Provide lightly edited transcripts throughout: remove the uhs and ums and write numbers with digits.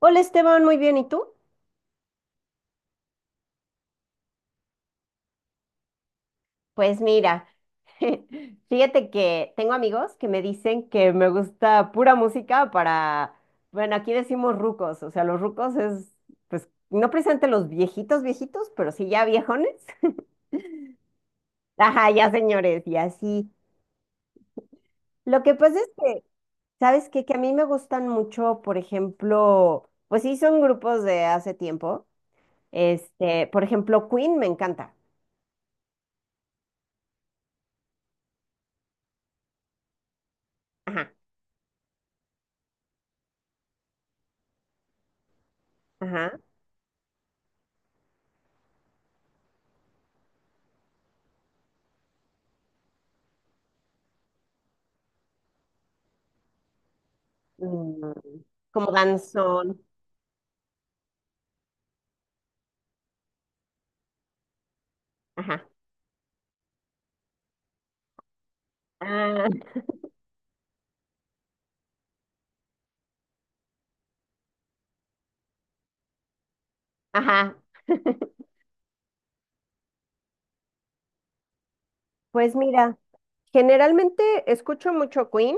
Hola Esteban, muy bien, ¿y tú? Pues mira, fíjate que tengo amigos que me dicen que me gusta pura música para, bueno, aquí decimos rucos, o sea, los rucos es, pues, no precisamente los viejitos, viejitos, pero sí ya viejones. Ajá, ya señores, y así. Lo que pasa es que, ¿sabes qué? Que a mí me gustan mucho, por ejemplo, pues sí, son grupos de hace tiempo. Por ejemplo, Queen me encanta. Ajá, ajá. Mm, Como danzón. Ajá. Ah, ajá. Pues mira, generalmente escucho mucho Queen,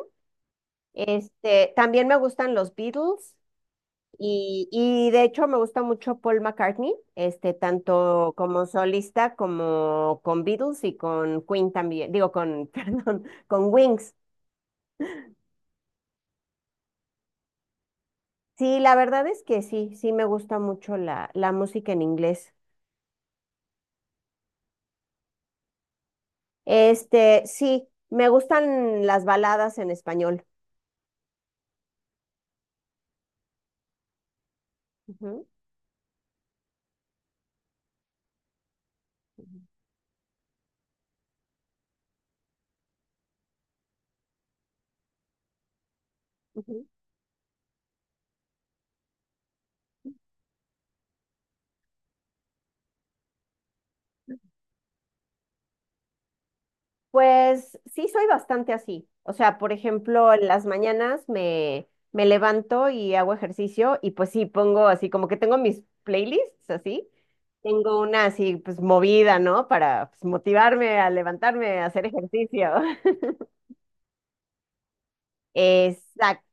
también me gustan los Beatles y de hecho me gusta mucho Paul McCartney, tanto como solista como con Beatles y con Queen también, digo con, perdón, con Wings. Sí, la verdad es que sí, sí me gusta mucho la música en inglés. Sí, me gustan las baladas en español. Ujú, ujú, ujú. Pues sí, soy bastante así. O sea, por ejemplo, en las mañanas me levanto y hago ejercicio y pues sí, pongo así como que tengo mis playlists así. Tengo una así pues movida, ¿no? Para pues, motivarme a levantarme, a hacer ejercicio. Exacto.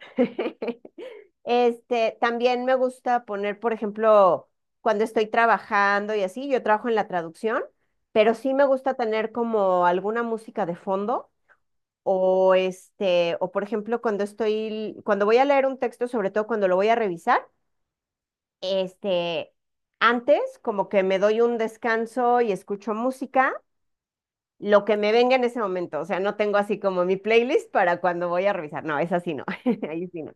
También me gusta poner, por ejemplo, cuando estoy trabajando y así, yo trabajo en la traducción, pero sí me gusta tener como alguna música de fondo. O o por ejemplo, cuando voy a leer un texto, sobre todo cuando lo voy a revisar, este, antes como que me doy un descanso y escucho música, lo que me venga en ese momento. O sea, no tengo así como mi playlist para cuando voy a revisar. No, es así no. Ahí sí no.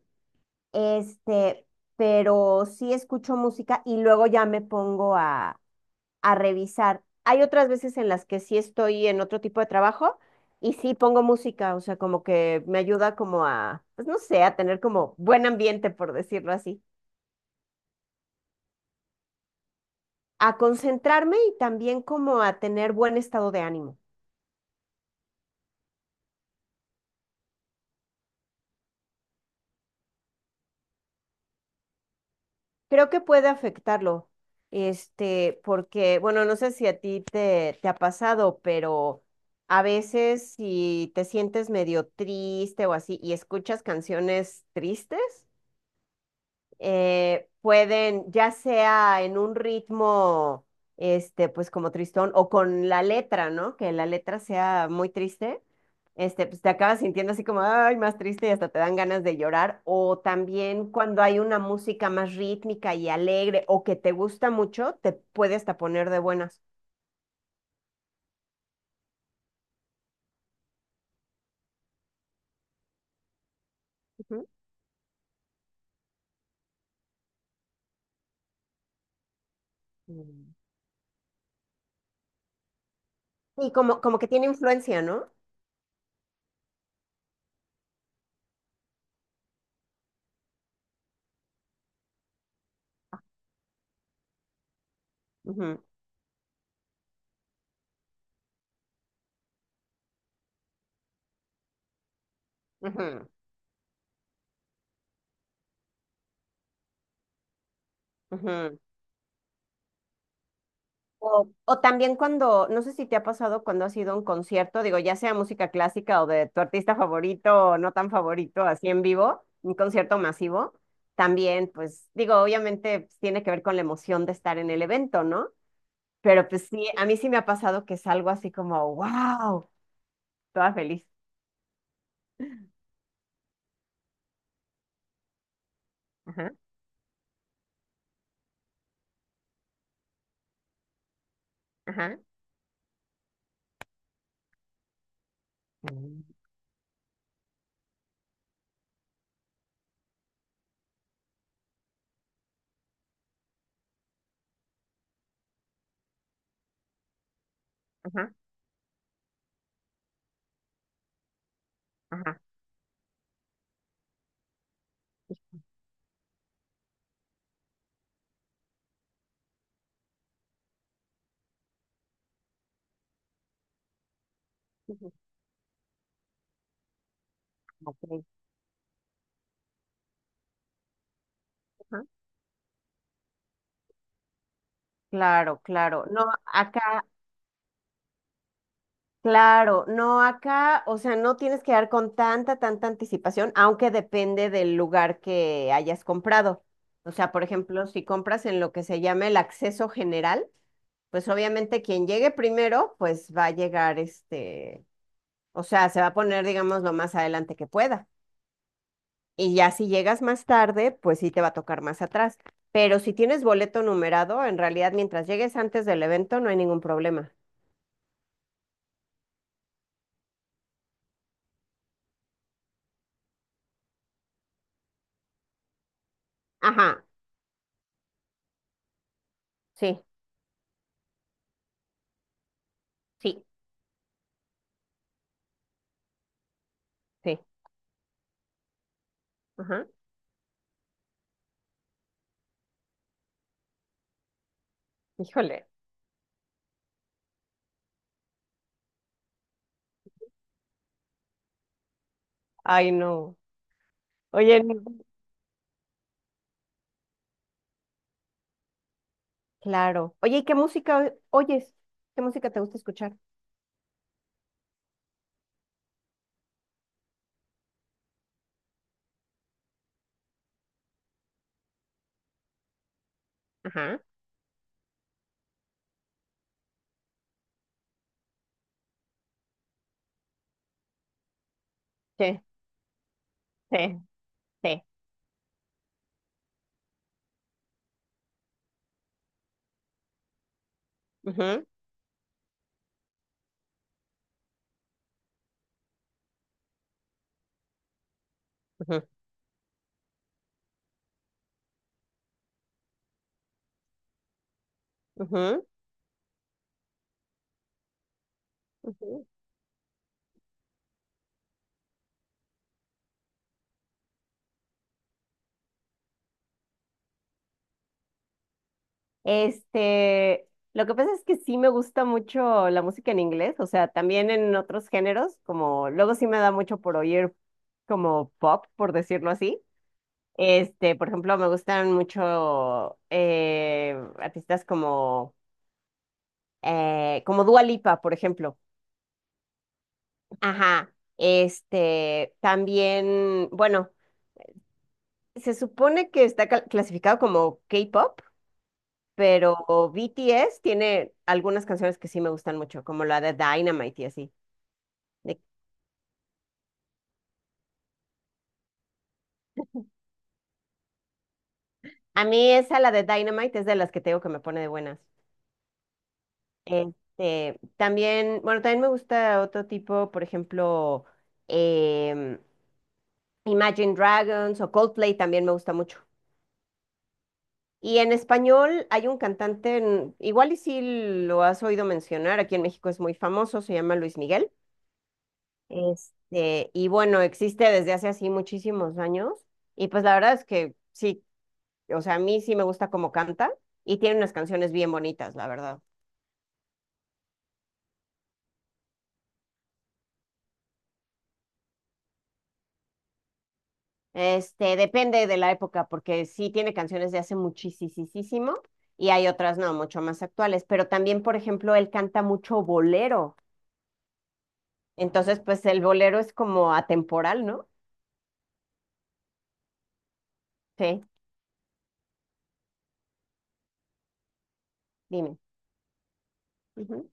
Este, pero sí escucho música y luego ya me pongo a revisar. Hay otras veces en las que sí estoy en otro tipo de trabajo y sí pongo música, o sea, como que me ayuda como a, pues no sé, a tener como buen ambiente, por decirlo así, a concentrarme y también como a tener buen estado de ánimo. Creo que puede afectarlo, porque, bueno, no sé si a ti te ha pasado, pero a veces si te sientes medio triste o así y escuchas canciones tristes, pueden, ya sea en un ritmo, pues como tristón, o con la letra, ¿no? Que la letra sea muy triste, pues te acabas sintiendo así como, ay, más triste y hasta te dan ganas de llorar. O también cuando hay una música más rítmica y alegre o que te gusta mucho, te puede hasta poner de buenas. Ujú. Mm. Y como que tiene influencia, ¿no? Ujú, ujú, ujú. O también cuando, no sé si te ha pasado cuando has ido a un concierto, digo, ya sea música clásica o de tu artista favorito o no tan favorito, así en vivo, un concierto masivo, también, pues digo, obviamente pues, tiene que ver con la emoción de estar en el evento, ¿no? Pero pues sí, a mí sí me ha pasado que salgo así como, wow, toda feliz. Ajá, ajá, mm, ajá, ajá. Ujú, ok. Ajá. Claro, claro. No, acá. Claro, no acá, o sea, no tienes que dar con tanta, tanta anticipación, aunque depende del lugar que hayas comprado. O sea, por ejemplo, si compras en lo que se llama el acceso general, pues obviamente quien llegue primero, pues va a llegar o sea, se va a poner, digamos, lo más adelante que pueda. Y ya si llegas más tarde, pues sí te va a tocar más atrás. Pero si tienes boleto numerado, en realidad mientras llegues antes del evento no hay ningún problema. Ajá, sí, sí, sí, ajá. Híjole. Ay, no. Oye, no, claro. Oye, ¿y qué música oyes? ¿Qué música te gusta escuchar? Ajá. Sí, sí, sí. Ujú, ujú, ujú, ujú. Este, lo que pasa es que sí me gusta mucho la música en inglés, o sea, también en otros géneros, como luego sí me da mucho por oír como pop, por decirlo así. Por ejemplo, me gustan mucho artistas como Dua Lipa, por ejemplo. Ajá, también, bueno, se supone que está clasificado como K-pop, pero BTS tiene algunas canciones que sí me gustan mucho, como la de Dynamite y así. De- a mí esa, la de Dynamite, es de las que tengo que me pone de buenas. También, bueno, también me gusta otro tipo, por ejemplo, em, Imagine Dragons o Coldplay también me gusta mucho. Y en español hay un cantante, igual y si lo has oído mencionar, aquí en México es muy famoso, se llama Luis Miguel. Y bueno, existe desde hace así muchísimos años. Y pues la verdad es que sí, o sea, a mí sí me gusta cómo canta y tiene unas canciones bien bonitas, la verdad. Depende de la época, porque sí tiene canciones de hace muchísimo y hay otras no, mucho más actuales. Pero también, por ejemplo, él canta mucho bolero. Entonces, pues el bolero es como atemporal, ¿no? Sí. Dime. Ujú.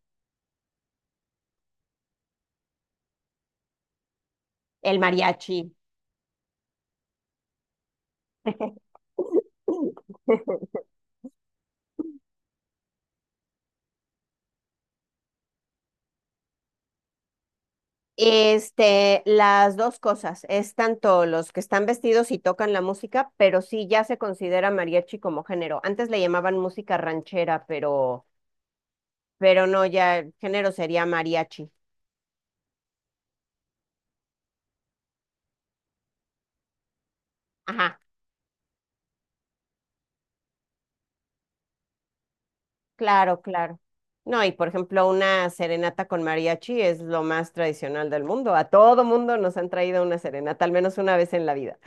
El mariachi. Las dos cosas, es tanto los que están vestidos y tocan la música, pero sí ya se considera mariachi como género. Antes le llamaban música ranchera, pero no, ya el género sería mariachi. Ajá, claro, claro. No, y por ejemplo, una serenata con mariachi es lo más tradicional del mundo. A todo mundo nos han traído una serenata, al menos una vez en la vida.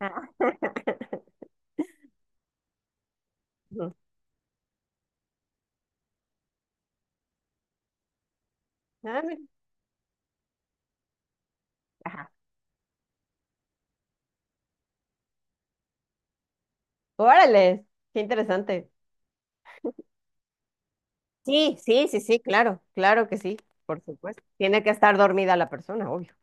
Ah, ujú. Ah, mira. Órale, qué interesante. Sí, sí, sí, sí, claro, claro que sí, por supuesto. Tiene que estar dormida la persona, obvio.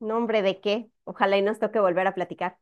No, hombre, ¿de qué? Ojalá y nos toque volver a platicar.